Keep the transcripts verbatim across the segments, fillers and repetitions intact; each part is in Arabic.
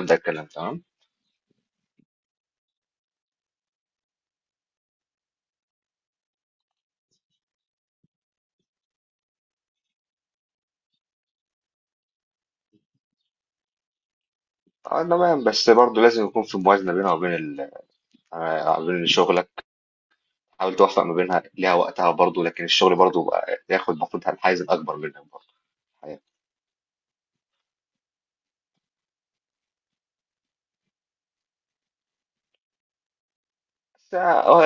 الكلام ده الكلام تمام. اه، تمام، بس برضه لازم يكون في موازنه بينها وبين ال... آه، بين شغلك. حاول توفق ما بينها ليها وقتها برضه، لكن الشغل برضه بقى ياخد المفروض الحيز الاكبر منك برضه. الحقيقة. بس، آه، هو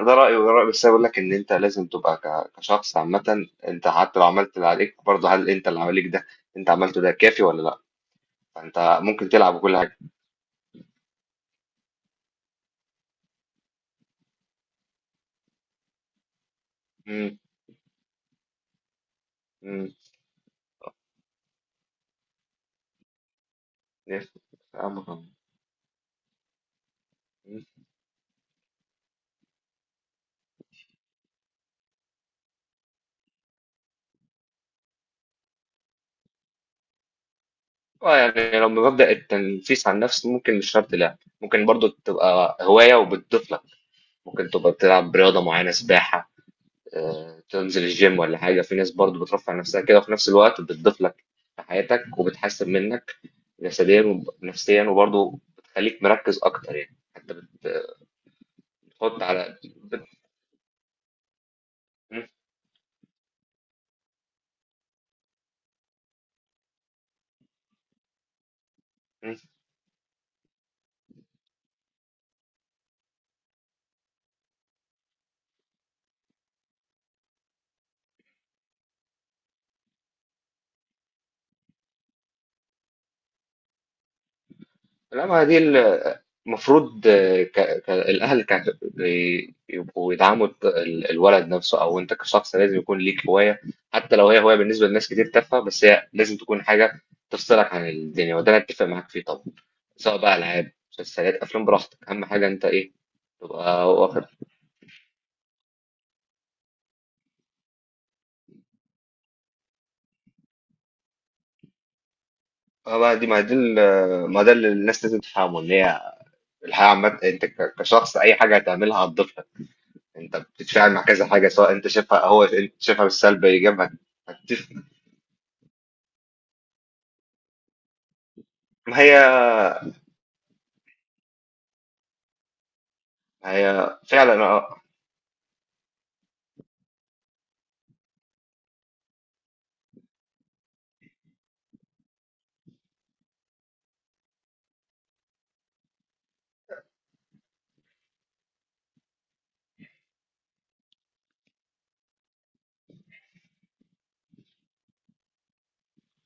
ده ده رايي وده رايي، بس أنا بقول لك ان انت لازم تبقى ك- كشخص عامه، انت حتى لو عملت اللي عليك برضه، هل انت اللي عليك ده انت عملته ده كافي ولا لا؟ فانت ممكن تلعب كل حاجه. امم امم اه، يعني لو بمبدأ التنفيس عن نفس، ممكن مش شرط لعب، ممكن برضو تبقى هواية وبتضيف لك. ممكن تبقى بتلعب رياضة معينة، سباحة، آه، تنزل الجيم ولا حاجة، في ناس برضو بترفع نفسها كده، وفي نفس الوقت بتضيف لك في حياتك، وبتحسن منك جسديا ونفسيا، وبرضو بتخليك مركز أكتر، يعني حتى بت- بتحط على بت... لا، ما دي، المفروض الأهل ك- بي- يبقوا يدعموا الط- ال- الولد نفسه، أو أنت كشخص لازم يكون ليك هواية، حتى لو هي هواية بالنسبة لناس كتير تافهة، بس هي لازم تكون حاجة تفصلك عن الدنيا، وده أنا أتفق معاك فيه طبعا، سواء بقى ألعاب، مسلسلات، أفلام، براحتك، أهم حاجة أنت إيه تبقى واخد. اه بقى، دي ما دي ال- ما ده اللي الناس لازم تفهمه، إن هي الحياة عامة، أنت ك- كشخص أي حاجة هتعملها هتضيفها، انت بتتفاعل مع كذا حاجه، سواء انت شايفها، هو انت شايفها بالسلب ايجابها هتتفق. ما هي ما هي فعلا، اه.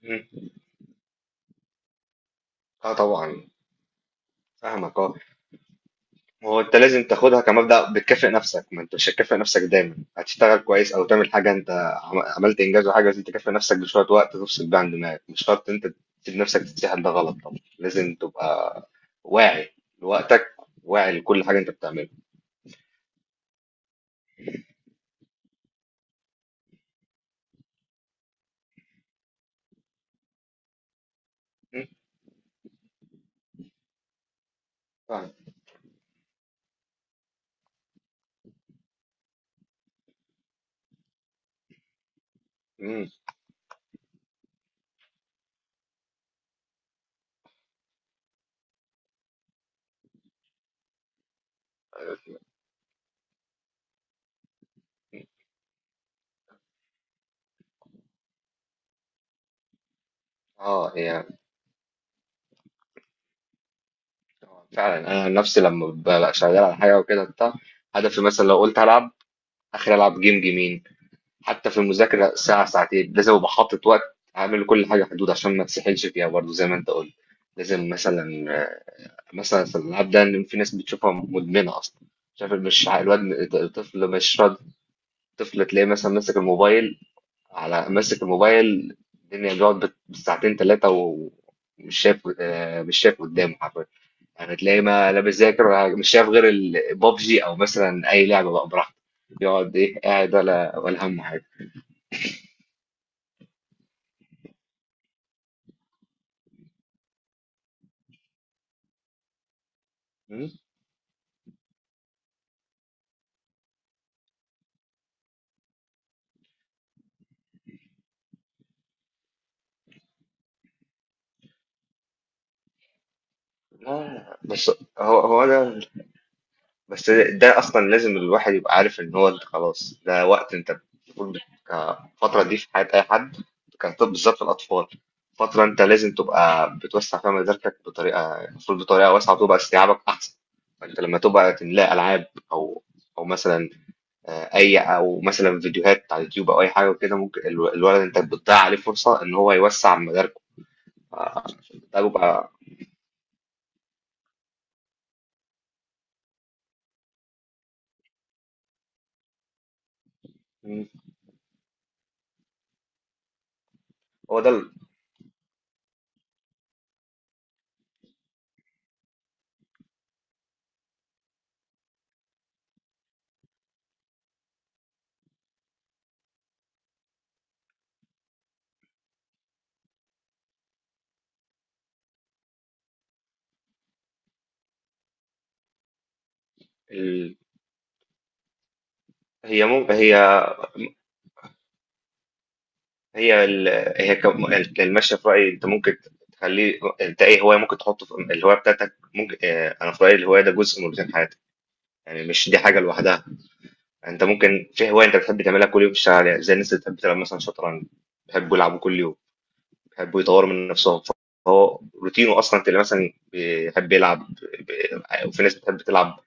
مم. اه، طبعا، فاهمك، اه. هو انت لازم تاخدها كمبدأ، بتكافئ نفسك، ما انت مش هتكافئ نفسك دايما، هتشتغل كويس او تعمل حاجه، انت عم- عملت انجاز وحاجه لازم تكافئ نفسك بشويه وقت تفصل بيها عن دماغك، مش شرط انت تسيب نفسك تتسحل، ده غلط طبعا، لازم تبقى واعي لوقتك، واعي لكل حاجه انت بتعملها. مم. فاهم. مم. اه، هي آه، فعلا، انا عن نفسي لما ببقى شغال على حاجه وكده بتاع، هدفي مثلا لو قلت هلعب اخر العب جيم جيمين، حتى في المذاكره ساعه ساعتين لازم ابقى حاطط وقت، اعمل كل حاجه حدود عشان ما تسحلش فيها برضه، زي ما انت قلت. لازم مثلا آه، مثلا في الالعاب ده، إن في ناس بتشوفها مدمنه اصلا، شايف مش، ع- الواد الطفل مش راضي، الطفل تلاقيه مثلا ماسك الموبايل، على ماسك الموبايل الدنيا، بيقعد بت- بالساعتين ثلاثة، ومش شايف، آه، مش شايف قدامه حرفيا. يعني تلاقيه، ما لا بيذاكر، ولا مش شايف غير البابجي او مثلا اي لعبة بقى براحته، يقعد ايه، قاعد، ولا ولا همه حاجة. م؟ لا، بس هو هو انا، بس ده أصلًا لازم الواحد يبقى عارف إن هو أنت خلاص، ده وقت أنت المفروض، الفترة دي في حياة أي حد، كانت بالذات في الأطفال، فترة أنت لازم تبقى بتوسّع فيها مداركك بطريقة، المفروض بطريقة واسعة، وتبقى استيعابك أحسن، فأنت لمّا تبقى تملاه ألعاب، أو أو مثلًا آآ أي أو مثلًا فيديوهات على اليوتيوب، أو أي حاجة وكده، ممكن ال الولد أنت بتضيّع عليه فرصة إن هو يوسّع مداركه، ف ده بيبقى. إمم، هو ده ال ال هي مم هي هي ال... هي كم... المشي في رأيي، انت ممكن تخليه، انت ايه هواية، ممكن تحطه في الهواية بتاعتك، ممكن، اه، انا في رأيي الهواية ده جزء من روتين حياتك. يعني مش دي حاجة لوحدها، انت ممكن في هواية انت بتحب تعملها كل يوم، تشتغل عليها، زي الناس اللي بتحب تلعب مثلا شطرنج، بيحبوا يلعبوا كل يوم، بيحبوا يطوروا من نفسهم، فهو روتينه اصلا، انت اللي مثلا بيحب يلعب ب... ب... وفي ناس بتحب تلعب،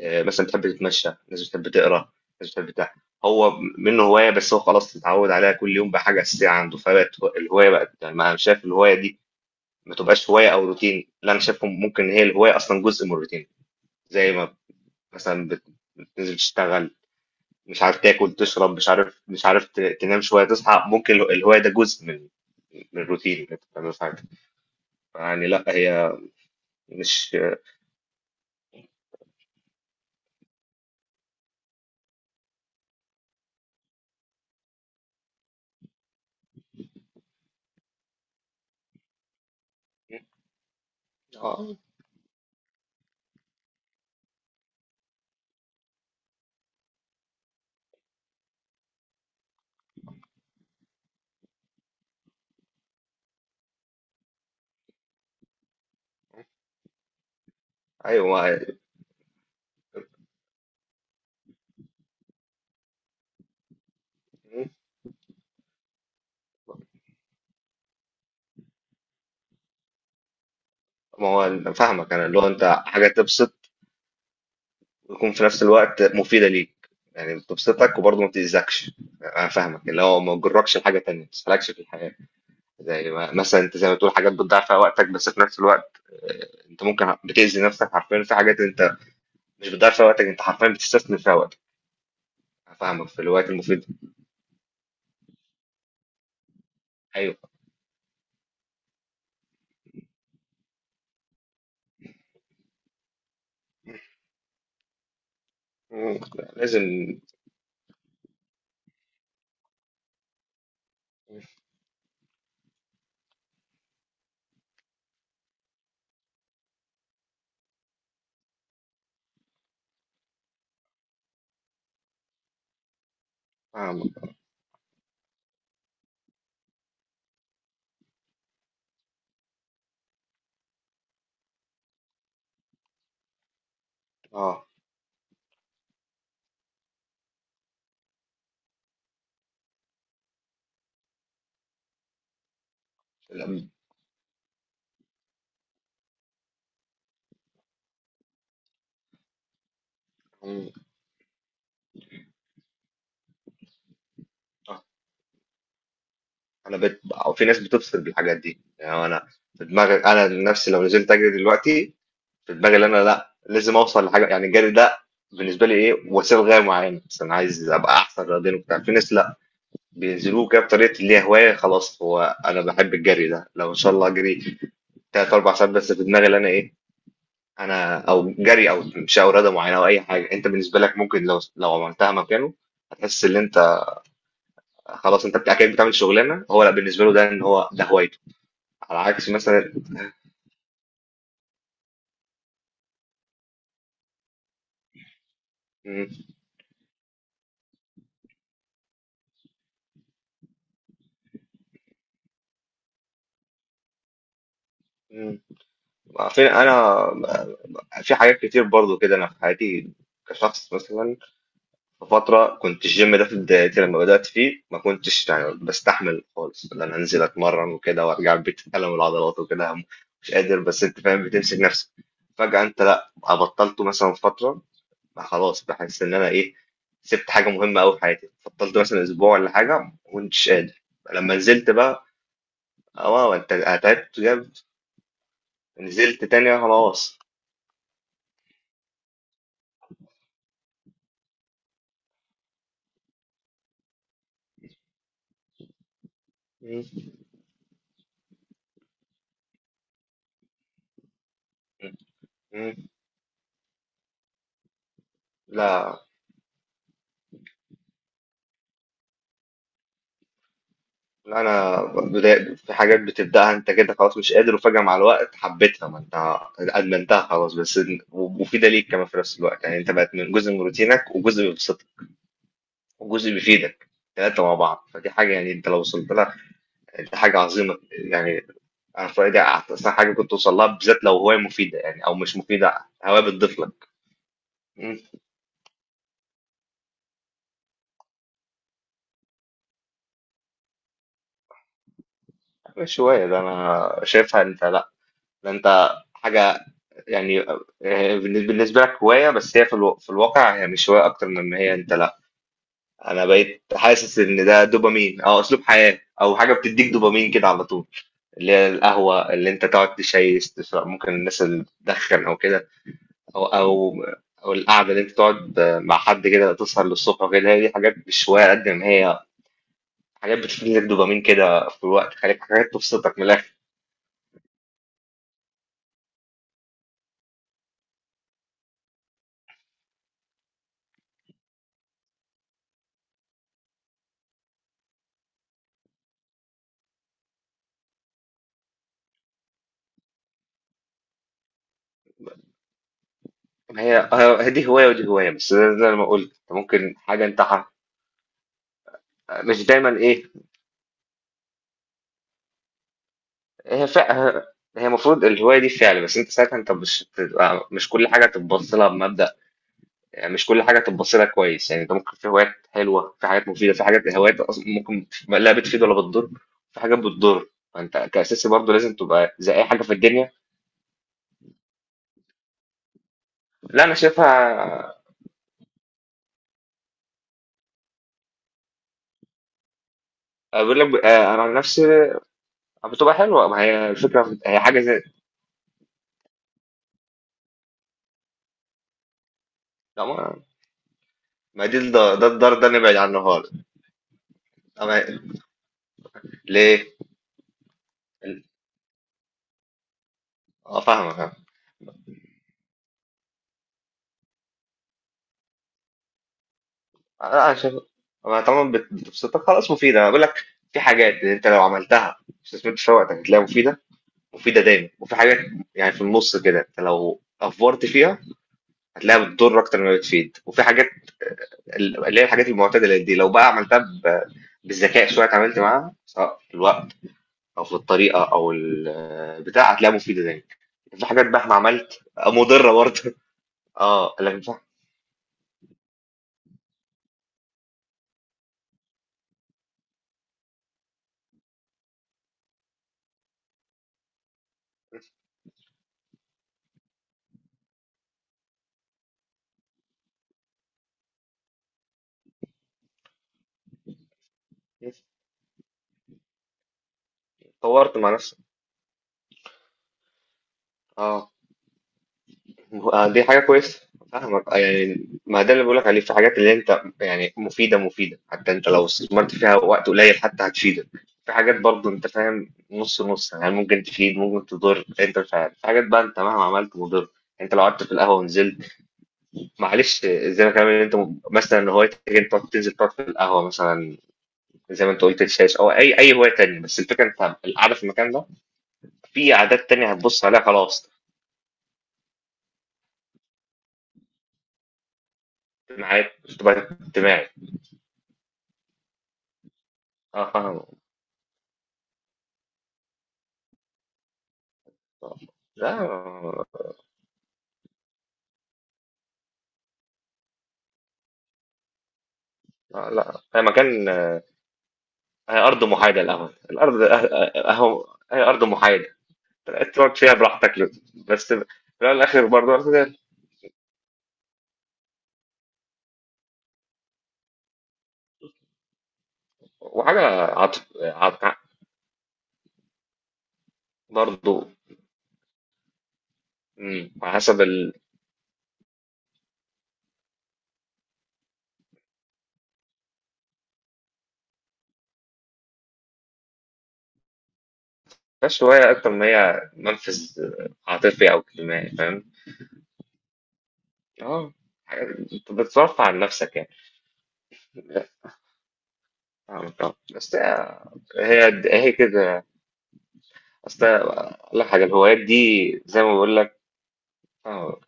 آه، مثلا بتحب تتمشى، ناس بتحب تقرا، ناس بتحب بتاع، هو منه هوايه، بس هو خلاص اتعود عليها كل يوم بقى حاجه اساسيه عنده، فبقت هو- الهوايه بقت، يعني، ما انا شايف الهوايه دي ما تبقاش هوايه او روتين، لا، انا شايف ممكن هي الهوايه اصلا جزء من الروتين. زي ما مثلا بت- بتنزل تشتغل، مش عارف تاكل تشرب، مش عارف مش عارف ت- تنام شويه تصحى، ممكن اله- الهوايه ده جزء من من الروتين اللي انت بتعمله في حياتك. يعني لا، هي مش، اه، ايوه، ما ما هو أنا فاهمك، انا اللي هو انت حاجه تبسط، ويكون في نفس الوقت مفيدة ليك، يعني بتبسطك وبرضه ما بتأذكش. انا فاهمك، اللي هو ما تجركش لحاجة تانية، ما تسحلكش في الحياة، زي ما مثلا انت، زي ما بتقول حاجات بتضيع فيها وقتك، بس في نفس الوقت آه، انت ممكن بتأذي نفسك حرفيا في حاجات انت مش بتضيع فيها وقتك، انت حرفيا بتستثمر فيها وقتك. أنا فاهمك، في الوقت المفيد، ايوه، مم، لازم فاهمك، اه، لا، مم، آه. انا بت... أو في ناس بتفصل بالحاجات دي، يعني انا في دماغي، انا عن نفسي لو نزلت اجري دلوقتي، في دماغي ان انا لا، لازم اوصل لحاجه، يعني الجري ده بالنسبه لي ايه، وسيله لغايه معينه، بس انا عايز ابقى احسن رياضيا وبتاع. في ناس لا، بينزلوه كده بطريقه اللي هي هوايه خلاص، هو انا بحب الجري ده، لو ان شاء الله اجري تلات اربع ساعات، بس في دماغي ان انا ايه، انا او جري او مشي او رياضه معينه او اي حاجه، انت بالنسبه لك، ممكن لو لو عملتها مكانه هتحس ان انت خلاص، انت بتاع- كأنك بتعمل شغلانه، هو لا بالنسبه له ده ان هو ده هوايته. على عكس مثلا، م- م- عارفين انا في حاجات كتير برضو كده، انا في حياتي كشخص مثلا، في فتره كنت الجيم ده في بدايتي لما بدات فيه، ما كنتش يعني بستحمل خالص ان انا انزل اتمرن وكده، وارجع البيت الم العضلات وكده، مش قادر، بس انت فاهم بتمسك نفسك. فجاه انت لا، بطلته مثلا فتره، خلاص بحس ان انا ايه، سبت حاجه مهمه قوي في حياتي، بطلت مثلا اسبوع ولا حاجه، ما كنتش قادر. لما نزلت بقى، اه، انت تعبت جامد، نزلت تاني، آه، خلاص. مم. مم. لا، لا، انا بدا- في حاجات بتبداها انت كده خلاص مش قادر، وفجاه مع الوقت حبيتها، ما انت ادمنتها خلاص، بس إن- ومفيده ليك كمان في نفس الوقت، يعني انت بقت من جزء من روتينك، وجزء بيبسطك، وجزء بيفيدك، ثلاثه مع بعض، فدي حاجه، يعني انت لو وصلت لها، دي حاجه عظيمه يعني. انا في رايي احسن حاجه كنت توصل لها، بالذات لو هوايه مفيده، يعني او مش مفيده، هوايه بتضيف لك. مم. مش هوايه، ده انا شايفها انت لا، ده انت حاجه، يعني آه، بالنسبة لك هواية، بس هي في الو... في الواقع هي مش هواية أكتر من ما هي أنت لأ. أنا بقيت حاسس إن ده دوبامين أو أسلوب حياة، أو حاجة بتديك دوبامين كده على طول، اللي هي القهوة، اللي أنت تقعد تشيس تشرب، ممكن الناس اللي بتدخن أو كده، أو أو أو القعدة اللي أنت تقعد مع حد كده تسهر للصبح وكده، هي دي حاجات مش هواية قد ما هي حاجات بتديك دوبامين كده في الوقت، خليك حاجات تبسطك من الآخر. هي هي دي هواية ودي هواية، بس زي زي ما قلت ممكن حاجة أنت ح- مش دايما إيه. هي فع هي المفروض الهواية دي فعل، بس انت ساعتها انت مش بتبقى، مش كل حاجة تبص لها بمبدأ، يعني مش كل حاجة تبص لها كويس، يعني انت ممكن في هوايات حلوة، في حاجات مفيدة، في حاجات هوايات اصلا ممكن لا بتفيد ولا بتضر، في حاجات بتضر، فانت كأساسي برضه لازم تبقى زي اي حاجة في الدنيا. لا، انا شايفها، اقول لك، ب- انا عن نفسي، بتبقى حلوة، ما هي الفكرة في- هي حاجة زي، لا ما، ما دي الد- ده الدار ده نبعد عنه خالص. طب ليه؟ اه، فاهمك، انا شايف، أنا طالما بت- بتبسطك خلاص مفيده، انا بقول لك في حاجات انت لو عملتها استثمرت في وقتك هتلاقيها مفيده، مفيده دايما. وفي حاجات، يعني في النص كده، انت لو افورت فيها هتلاقيها بتضر اكتر ما بتفيد. وفي حاجات ال- اللي هي الحاجات المعتدله دي، لو بقى عملتها ب- بالذكاء شويه، اتعاملت معاها سواء في الوقت او في الطريقه او البتاع، هتلاقيها مفيده دايما. يعني في حاجات بقى، ما عملت، آه، مضره برضه. اه، لكن صح، اتطورت مع نفسك. اه، هو- دي حاجة كويسة، فاهمك، آه، يعني ما ده اللي بقولك عليه، في حاجات اللي انت يعني مفيدة، مفيدة حتى انت لو استثمرت فيها وقت قليل حتى هتفيدك. في حاجات برضه انت فاهم نص نص، يعني ممكن تفيد، ممكن تضر، انت مش عارف. في حاجات بقى انت مهما عملت مضر، انت لو قعدت في القهوة ونزلت، معلش، زي ما كمان انت م- مثلا هوايتك انت تقعد- تنزل تقعد في القهوة مثلا، زي ما انت قلت الشاش او اي اي هواية تانية، بس الفكرة انت القعدة في المكان ده، في عادات تانية هتبص عليها خلاص. اجتماعات، تبقى اجتماعي، اه، فاهم، لا، آه، لا، هي مكان، هي أرض محايدة، القهوة الأرض، أهو هي أرض محايدة، تقعد فيها براحتك، بس في الأول والآخر برضه أرض زي، وحاجة عط... عط... برضه، مم، على حسب ال... بس هواية أكتر ما هي منفذ عاطفي أو اجتماعي، فاهم؟ أه، حاجة، أنت بتصرف عن نفسك يعني. لا، فاهمك، أه، بس هي هي هي كده، أصل أقول لك حاجة، الهوايات دي زي ما بقول لك، آه،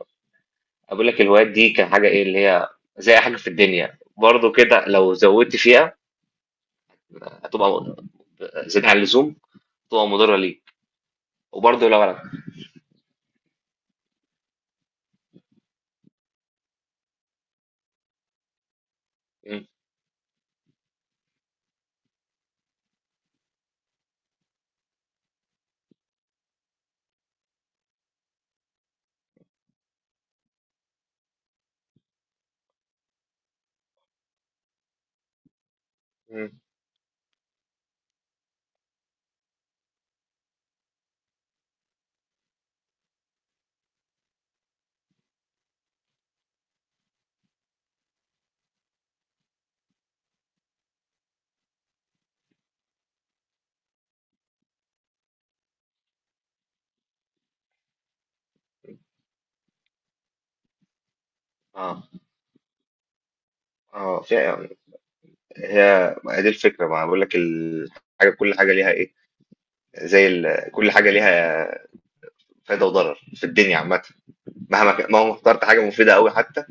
أقول لك الهوايات دي كحاجة إيه اللي هي، زي حاجة في الدنيا برضه كده، لو زودت فيها هتبقى زيادة عن اللزوم، هتبقى مضرة ليك. وبرضه لو أنا، مم. مم. اه، اه، فعلا، هي ما دي الفكرة، ما بقول لك الحاجة، كل حاجة ليها إيه، زي ال... كل حاجة ليها فايدة وضرر في الدنيا عامة، مهما ك... مهما اخترت حاجة مفيدة أوي حتى،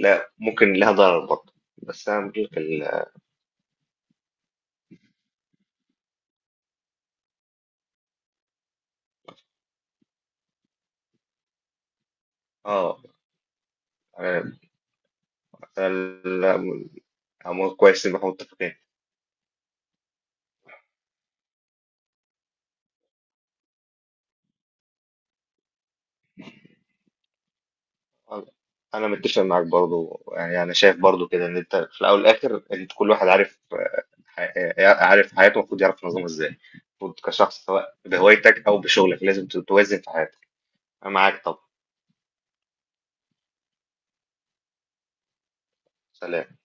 لا، ممكن لها ضرر برضه، بس أنا بقول لك ال... اه. أنا... أنا... لا، م- كويس إن احنا متفقين. انا متفق معاك برضو، يعني انا شايف برضو كده، ان انت في الاول والاخر، انت كل واحد عارف، آه، حي- آه، عارف حياته المفروض يعرف ينظمها ازاي، المفروض كشخص سواء بهوايتك او بشغلك لازم توازن في حياتك. انا معاك طبعا. سلام.